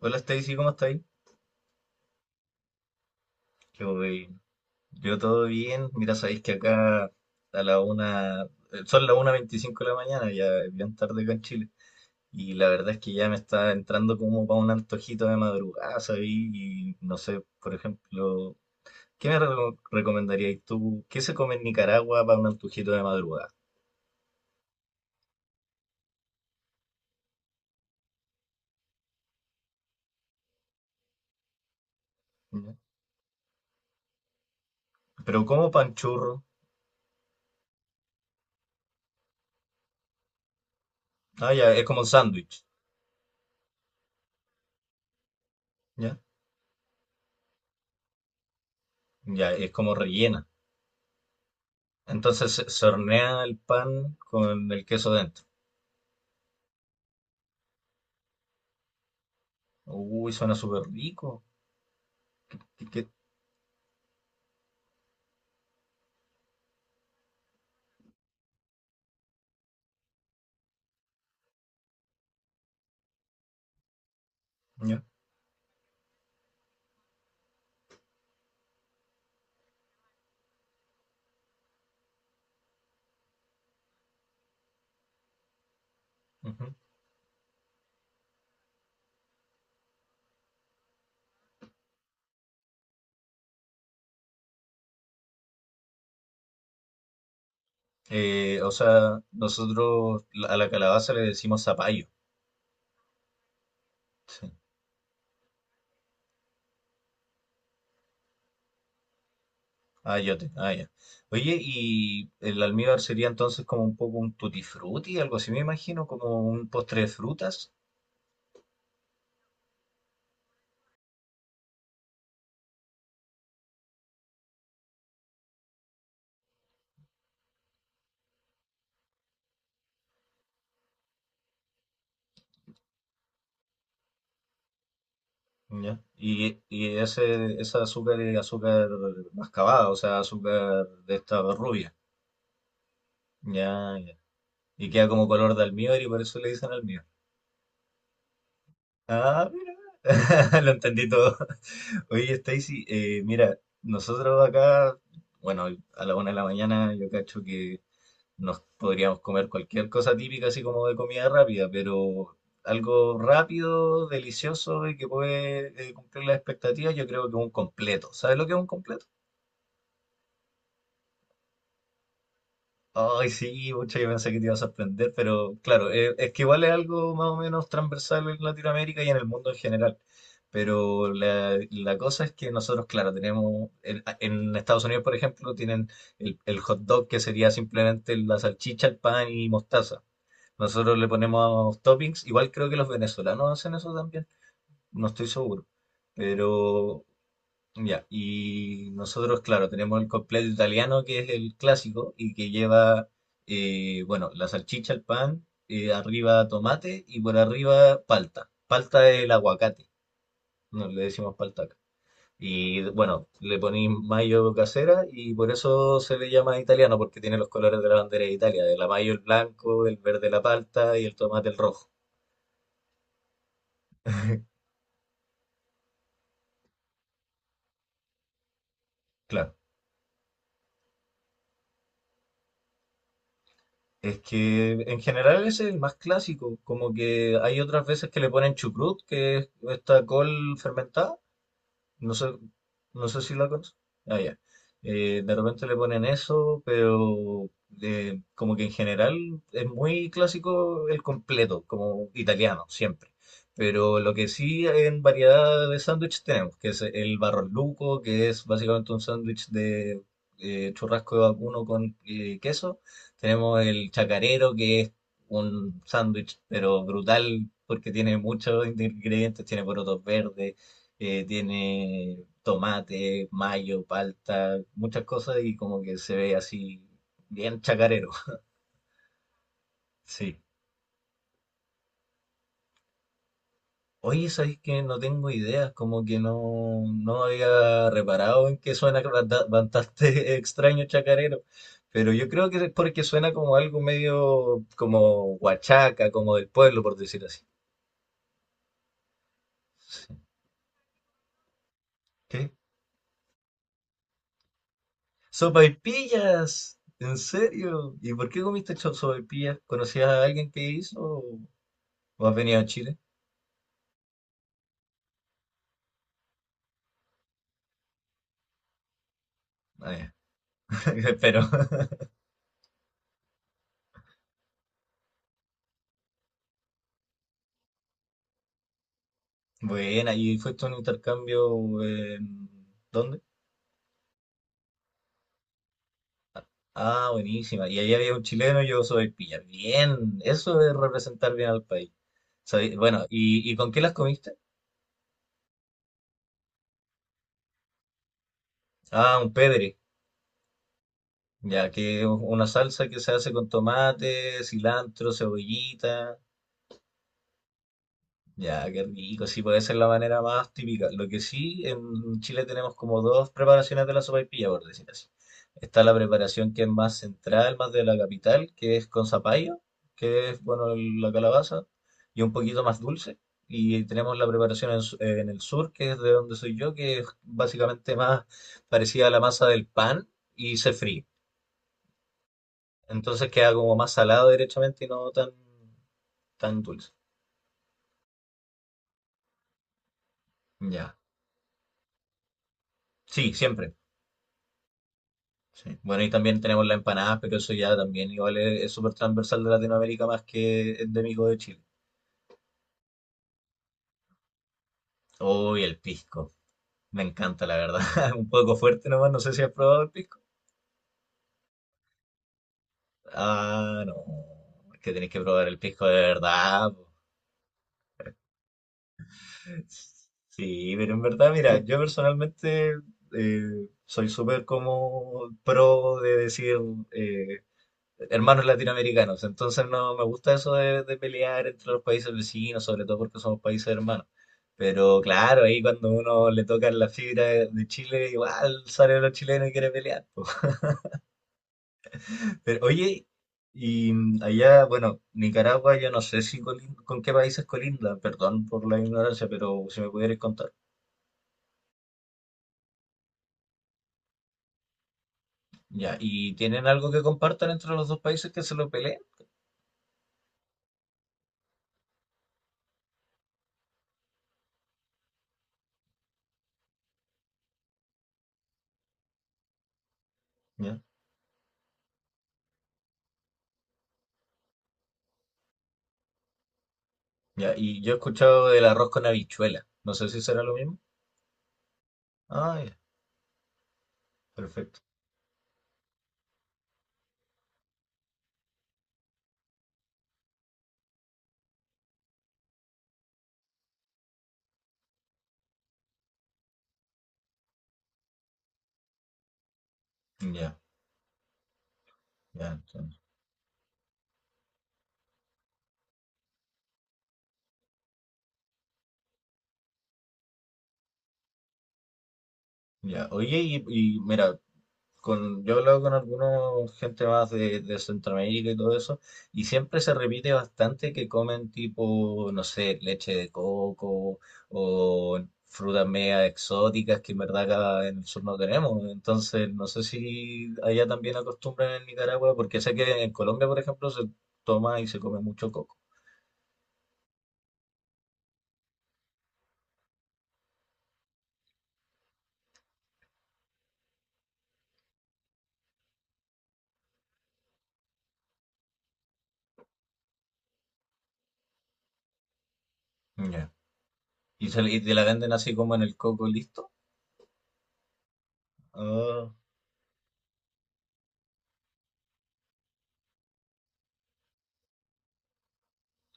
Hola Stacy, ¿cómo estáis? Yo, eh, yo todo bien. Mira, sabéis que acá a la una, son las 1:25 de la mañana, ya es bien tarde acá en Chile. Y la verdad es que ya me está entrando como para un antojito de madrugada, ¿sabéis? Y no sé, por ejemplo, ¿qué me recomendaríais tú? ¿Qué se come en Nicaragua para un antojito de madrugada? ¿Ya? Pero como panchurro. Ah, ya, es como un sándwich, ¿ya? Ya, es como rellena. Entonces se hornea el pan con el queso dentro. Uy, suena súper rico. ¿Qué? Ya, ujú. O sea, nosotros a la calabaza le decimos zapallo. Sí. Ayote, ah, ya. Oye, y el almíbar sería entonces como un poco un tutti frutti, algo así me imagino, como un postre de frutas. Ya. Y ese azúcar es azúcar mascabada, o sea, azúcar de esta rubia. Ya, ya. Y queda como color de almíbar y por eso le dicen almíbar. Ah, mira. Lo entendí todo. Oye, Stacy, mira, nosotros acá, bueno, a la una de la mañana yo cacho que nos podríamos comer cualquier cosa típica, así como de comida rápida, pero algo rápido, delicioso y que puede cumplir las expectativas, yo creo que un completo. ¿Sabes lo que es un completo? Ay, sí, mucha, yo pensé que te iba a sorprender, pero claro, es que igual es algo más o menos transversal en Latinoamérica y en el mundo en general. Pero la cosa es que nosotros, claro, tenemos, en Estados Unidos, por ejemplo, tienen el hot dog que sería simplemente la salchicha, el pan y mostaza. Nosotros le ponemos toppings, igual creo que los venezolanos hacen eso también, no estoy seguro. Pero ya, y nosotros, claro, tenemos el completo italiano, que es el clásico, y que lleva, bueno, la salchicha, el pan, arriba tomate y por arriba palta. Palta es el aguacate, no le decimos palta acá. Y bueno, le ponéis mayo casera y por eso se le llama italiano, porque tiene los colores de la bandera de Italia, del amarillo el blanco, el verde la palta y el tomate el rojo. Claro. Es que en general ese es el más clásico, como que hay otras veces que le ponen chucrut, que es esta col fermentada, no sé, no sé si la conoces. Ah, ya. De repente le ponen eso, pero como que en general es muy clásico el completo, como italiano, siempre. Pero lo que sí en variedad de sándwich tenemos, que es el barrolluco, que es básicamente un sándwich de churrasco de vacuno con queso. Tenemos el chacarero, que es un sándwich, pero brutal, porque tiene muchos ingredientes, tiene porotos verdes tiene tomate, mayo, palta, muchas cosas y como que se ve así bien chacarero. Sí. Oye, sabes que no tengo ideas, como que no había reparado en que suena bastante extraño chacarero, pero yo creo que es porque suena como algo medio como huachaca, como del pueblo, por decir así. ¿Qué? ¡Sopaipillas! ¿En serio? ¿Y por qué comiste sopaipillas? ¿Conocías a alguien que hizo? ¿Vos has venido a Chile? Ah, ya. Pero, bueno, ¿y fuiste a un intercambio en... ¿Dónde? Ah, buenísima. Y ahí había un chileno, y yo soy pilla. Bien, eso es representar bien al país. Sabí- Bueno, y con qué las comiste? Ah, un pedre, ya que es una salsa que se hace con tomate, cilantro, cebollita. Ya, qué rico, sí, puede ser la manera más típica. Lo que sí, en Chile tenemos como dos preparaciones de la sopaipilla, por decir así. Está la preparación que es más central, más de la capital, que es con zapallo, que es, bueno, la calabaza, y un poquito más dulce. Y tenemos la preparación en, en el sur, que es de donde soy yo, que es básicamente más parecida a la masa del pan y se fríe. Entonces queda como más salado directamente y no tan, tan dulce. Ya. Sí, siempre. Sí. Bueno, y también tenemos las empanadas, pero eso ya también igual es súper transversal de Latinoamérica más que endémico de Chile. Uy, el pisco. Me encanta, la verdad. Un poco fuerte nomás, no sé si has probado el pisco. Ah, no. Es que tenéis que probar el pisco de verdad. Po. Sí, pero en verdad, mira, yo personalmente soy súper como pro de decir, eh, hermanos latinoamericanos. Entonces no me gusta eso de pelear entre los países vecinos, sobre todo porque somos países hermanos. Pero claro, ahí cuando uno le toca la fibra de Chile, igual sale los chilenos y quiere pelear. Po. Pero oye, y allá, bueno, Nicaragua, yo no sé si con qué países colinda, perdón por la ignorancia, pero si me pudierais contar. Ya, ¿y tienen algo que compartan entre los dos países que se lo peleen? Ya, ya, y yo he escuchado del arroz con habichuela. No sé si será lo mismo. Ah, ya, perfecto. Ya, ya entiendo. Ya. Oye, y mira, yo he hablado con algunos gente más de Centroamérica y todo eso, y siempre se repite bastante que comen tipo, no sé, leche de coco o frutas media exóticas que en verdad acá en el sur no tenemos. Entonces, no sé si allá también acostumbran en Nicaragua, porque sé que en Colombia, por ejemplo, se toma y se come mucho coco. Ya. Y te la venden así como en el coco listo. Ah,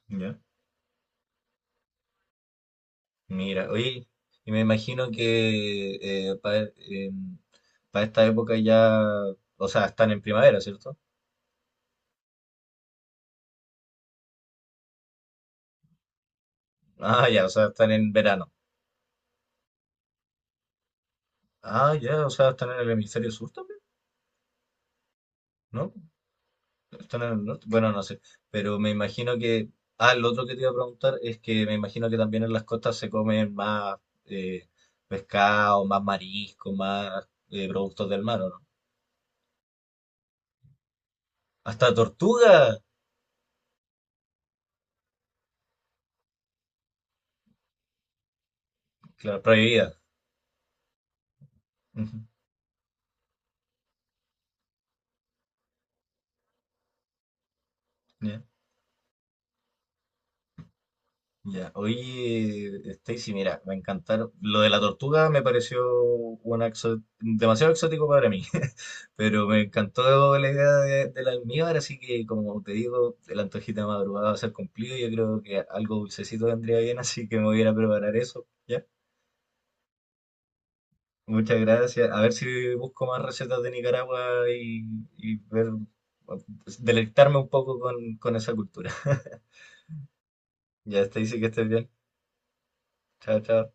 ya. Mira, oye, y me imagino que para esta época ya, o sea, están en primavera, ¿cierto? Ah, ya, o sea, están en verano. Ah, ya, o sea, están en el hemisferio sur también, ¿no? Están en el norte, bueno, no sé, pero me imagino que, ah, lo otro que te iba a preguntar es que me imagino que también en las costas se comen más eh, pescado, más marisco, más productos del mar, ¿o no? Hasta tortuga, claro, prohibida. Ujú, ya. Ya, oye, Stacy, mira, me encantaron. Lo de la tortuga me pareció una demasiado exótico para mí, pero me encantó la idea del almíbar, así que como te digo, el antojito de madrugada va a ser cumplido. Yo creo que algo dulcecito vendría bien, así que me voy a ir a preparar eso, ¿ya? Muchas gracias. A ver si busco más recetas de Nicaragua y ver, deleitarme un poco con esa cultura. Ya, Stacy, que estés bien. Chao, chao.